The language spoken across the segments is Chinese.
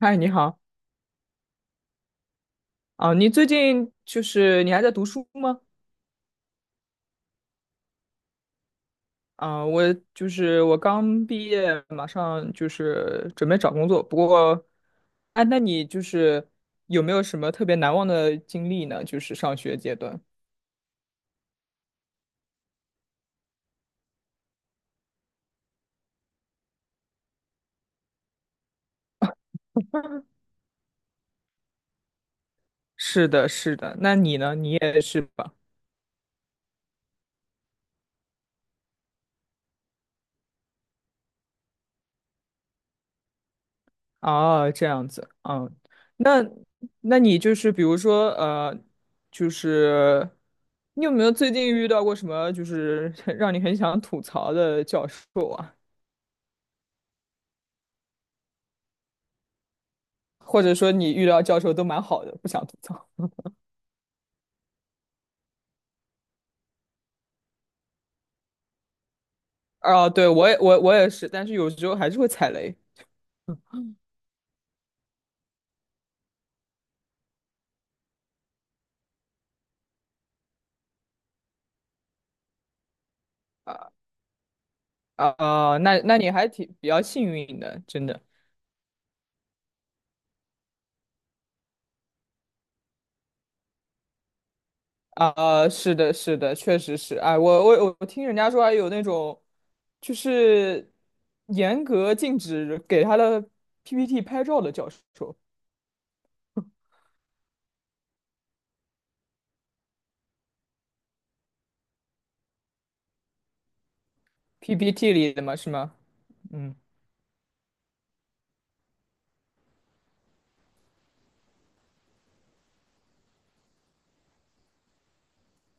嗨，你好啊！你最近就是你还在读书吗？啊，我就是我刚毕业，马上就是准备找工作。不过，哎，那你就是有没有什么特别难忘的经历呢？就是上学阶段。是的，是的。那你呢？你也是吧？哦，这样子。嗯，那那你就是比如说就是你有没有最近遇到过什么就是 让你很想吐槽的教授啊？或者说你遇到教授都蛮好的，不想吐槽。啊，对，我也是，但是有时候还是会踩雷啊啊，那你还挺比较幸运的，真的啊，是的，是的，确实是，哎，我听人家说还有那种，就是严格禁止给他的 PPT 拍照的教授，PPT 里的嘛，是吗？嗯，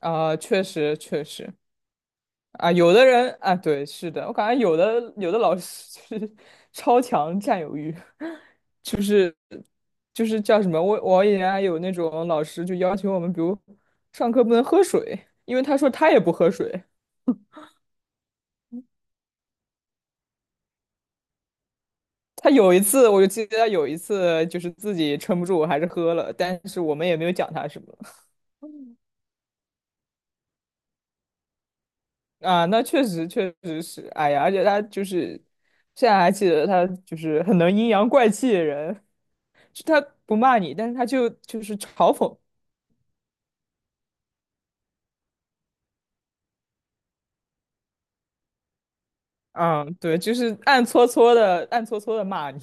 啊，确实确实，啊，有的人啊，对，是的，我感觉有的老师 就是超强占有欲，就是叫什么，我以前还有那种老师就要求我们，比如上课不能喝水，因为他说他也不喝水。他有一次，我就记得他有一次就是自己撑不住，还是喝了，但是我们也没有讲他什么啊。那确实确实是，哎呀，而且他就是现在还记得他就是很能阴阳怪气的人，就他不骂你，但是他就是嘲讽。嗯，对，就是暗搓搓的，暗搓搓的骂你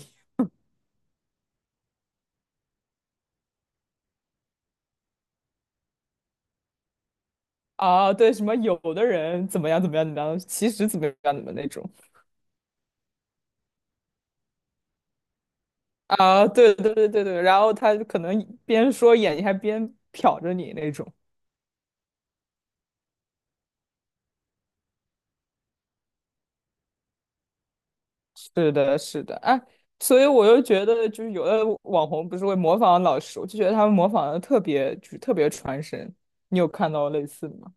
啊，对，什么有的人怎么样怎么样怎么样，其实怎么样怎么那种啊，对对对对对，然后他可能边说眼睛还边瞟着你那种，是的，是的，哎，所以我又觉得就是有的网红不是会模仿老师，我就觉得他们模仿的特别就是特别传神，你有看到类似的吗？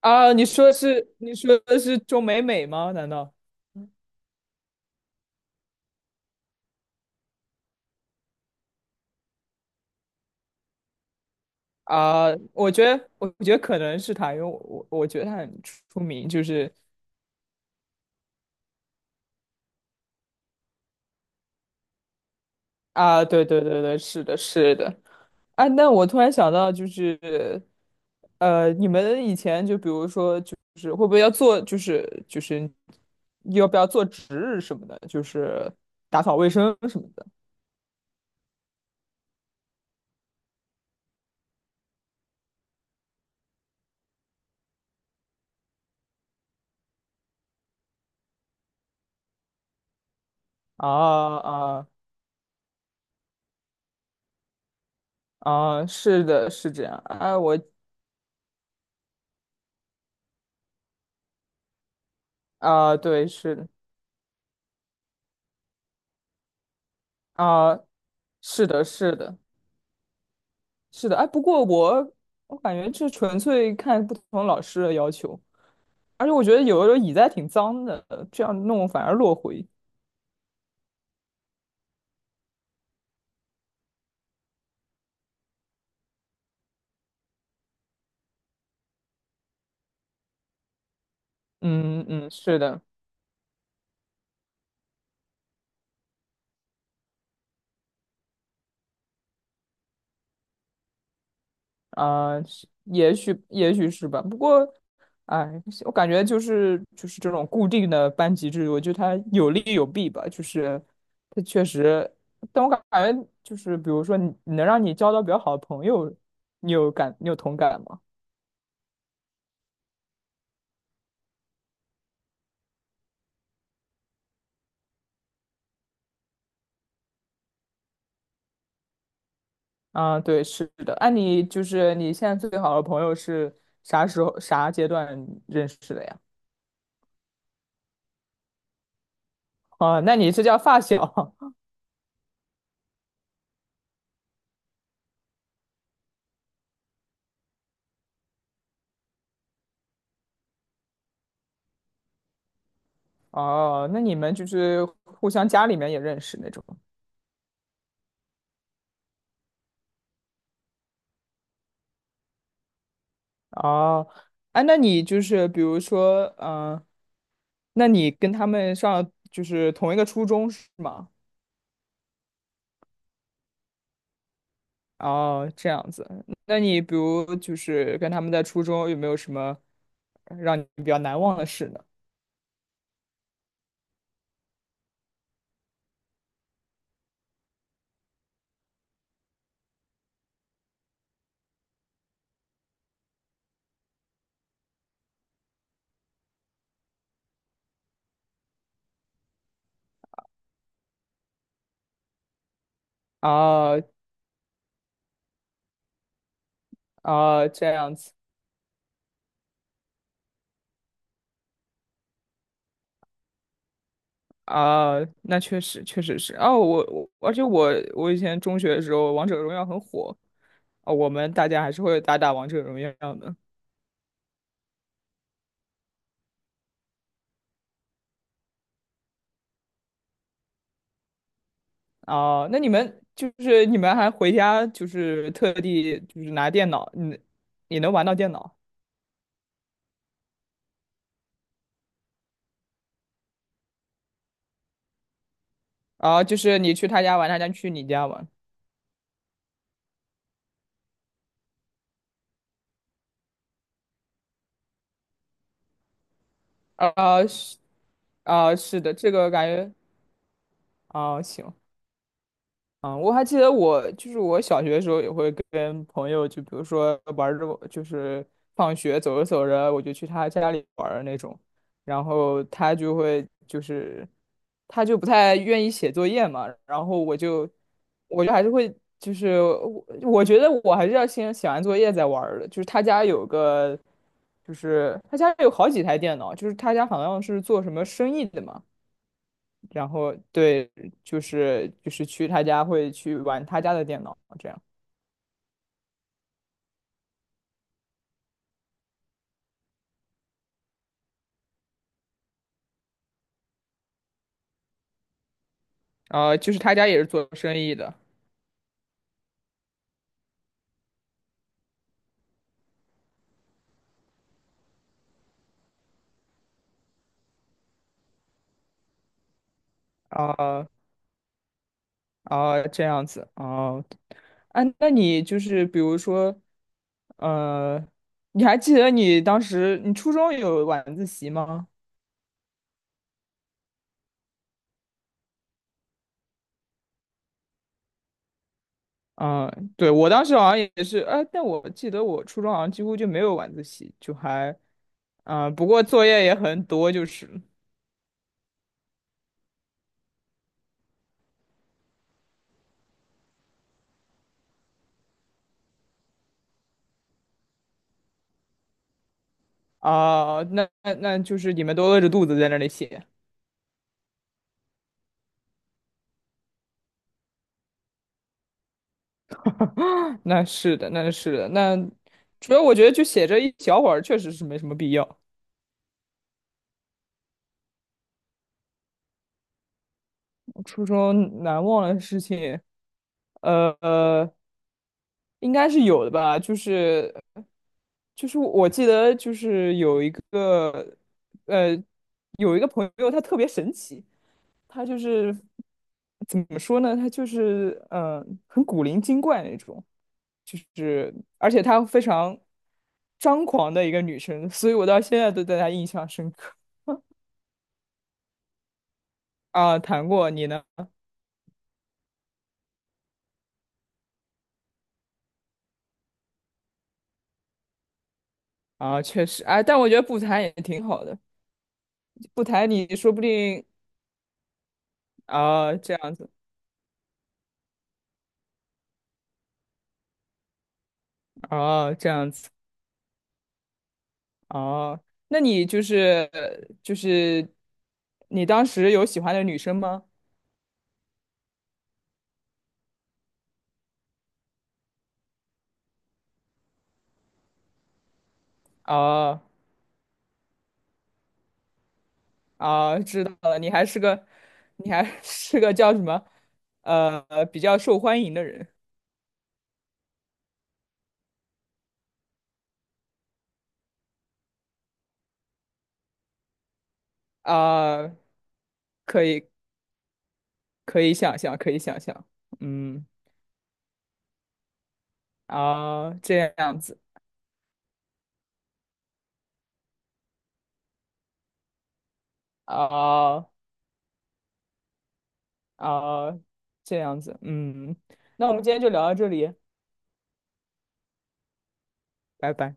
啊，你说是你说的是钟美美吗？难道？啊、我觉得，我觉得可能是他，因为我觉得他很出名，就是啊，对对对对，是的，是的，啊，那我突然想到，就是你们以前就比如说，就是会不会要做，就是要不要做值日什么的，就是打扫卫生什么的啊啊啊，是的，是这样啊，我啊，对，是的啊，是的，是的。是的，哎，不过我感觉这纯粹看不同老师的要求，而且我觉得有的时候椅子还挺脏的，这样弄反而落灰。嗯嗯，是的，啊、是也许也许是吧。不过，哎，我感觉就是就是这种固定的班级制度，我觉得它有利有弊吧。就是它确实，但我感觉就是，比如说你能让你交到比较好的朋友，你有同感吗？啊，对，是的。哎、你就是你现在最好的朋友是啥时候、啥阶段认识的呀？啊，那你是叫发小 哦？那你们就是互相家里面也认识那种哦？哎、那你就是比如说，嗯、那你跟他们上就是同一个初中是吗？哦，这样子。那你比如就是跟他们在初中有没有什么让你比较难忘的事呢？哦哦，这样子。啊，那确实确实是哦，我而且我以前中学的时候，王者荣耀很火，啊，我们大家还是会打打王者荣耀的啊。那你们还回家就是特地就是拿电脑，你能玩到电脑啊？就是你去他家玩，他家去你家玩啊是啊，是的，这个感觉啊行。嗯，我还记得我就是我小学的时候也会跟朋友，就比如说玩儿着，就是放学走着走着，我就去他家里玩儿那种，然后他就会就是他就不太愿意写作业嘛，然后我就还是会就是我觉得我还是要先写完作业再玩儿的，就是他家有好几台电脑，就是他家好像是做什么生意的嘛。然后对，就是去他家会去玩他家的电脑，这样。啊、就是他家也是做生意的。啊啊，这样子哦。啊，那你就是比如说，呃，你还记得你当时你初中有晚自习吗？嗯，对，我当时好像也是，但我记得我初中好像几乎就没有晚自习，就还，嗯、不过作业也很多，就是啊、那就是你们都饿着肚子在那里写 那是的，那是的，那主要我觉得就写这一小会儿确实是没什么必要。我初中难忘的事情，呃呃，应该是有的吧，就是就是我记得就是有一个呃有一个朋友，他特别神奇，他就是怎么说呢，他就是很古灵精怪那种。是，而且她非常张狂的一个女生，所以我到现在都对她印象深刻。啊，谈过你呢？啊，确实，哎，但我觉得不谈也挺好的，不谈你说不定啊，这样子，啊，这样子，啊，那你就是就是你当时有喜欢的女生吗？啊啊，知道了，你还是个叫什么比较受欢迎的人啊，可以。可以想象，可以想象，嗯啊，这样子啊啊，这样子，嗯，那我们今天就聊到这里，拜拜。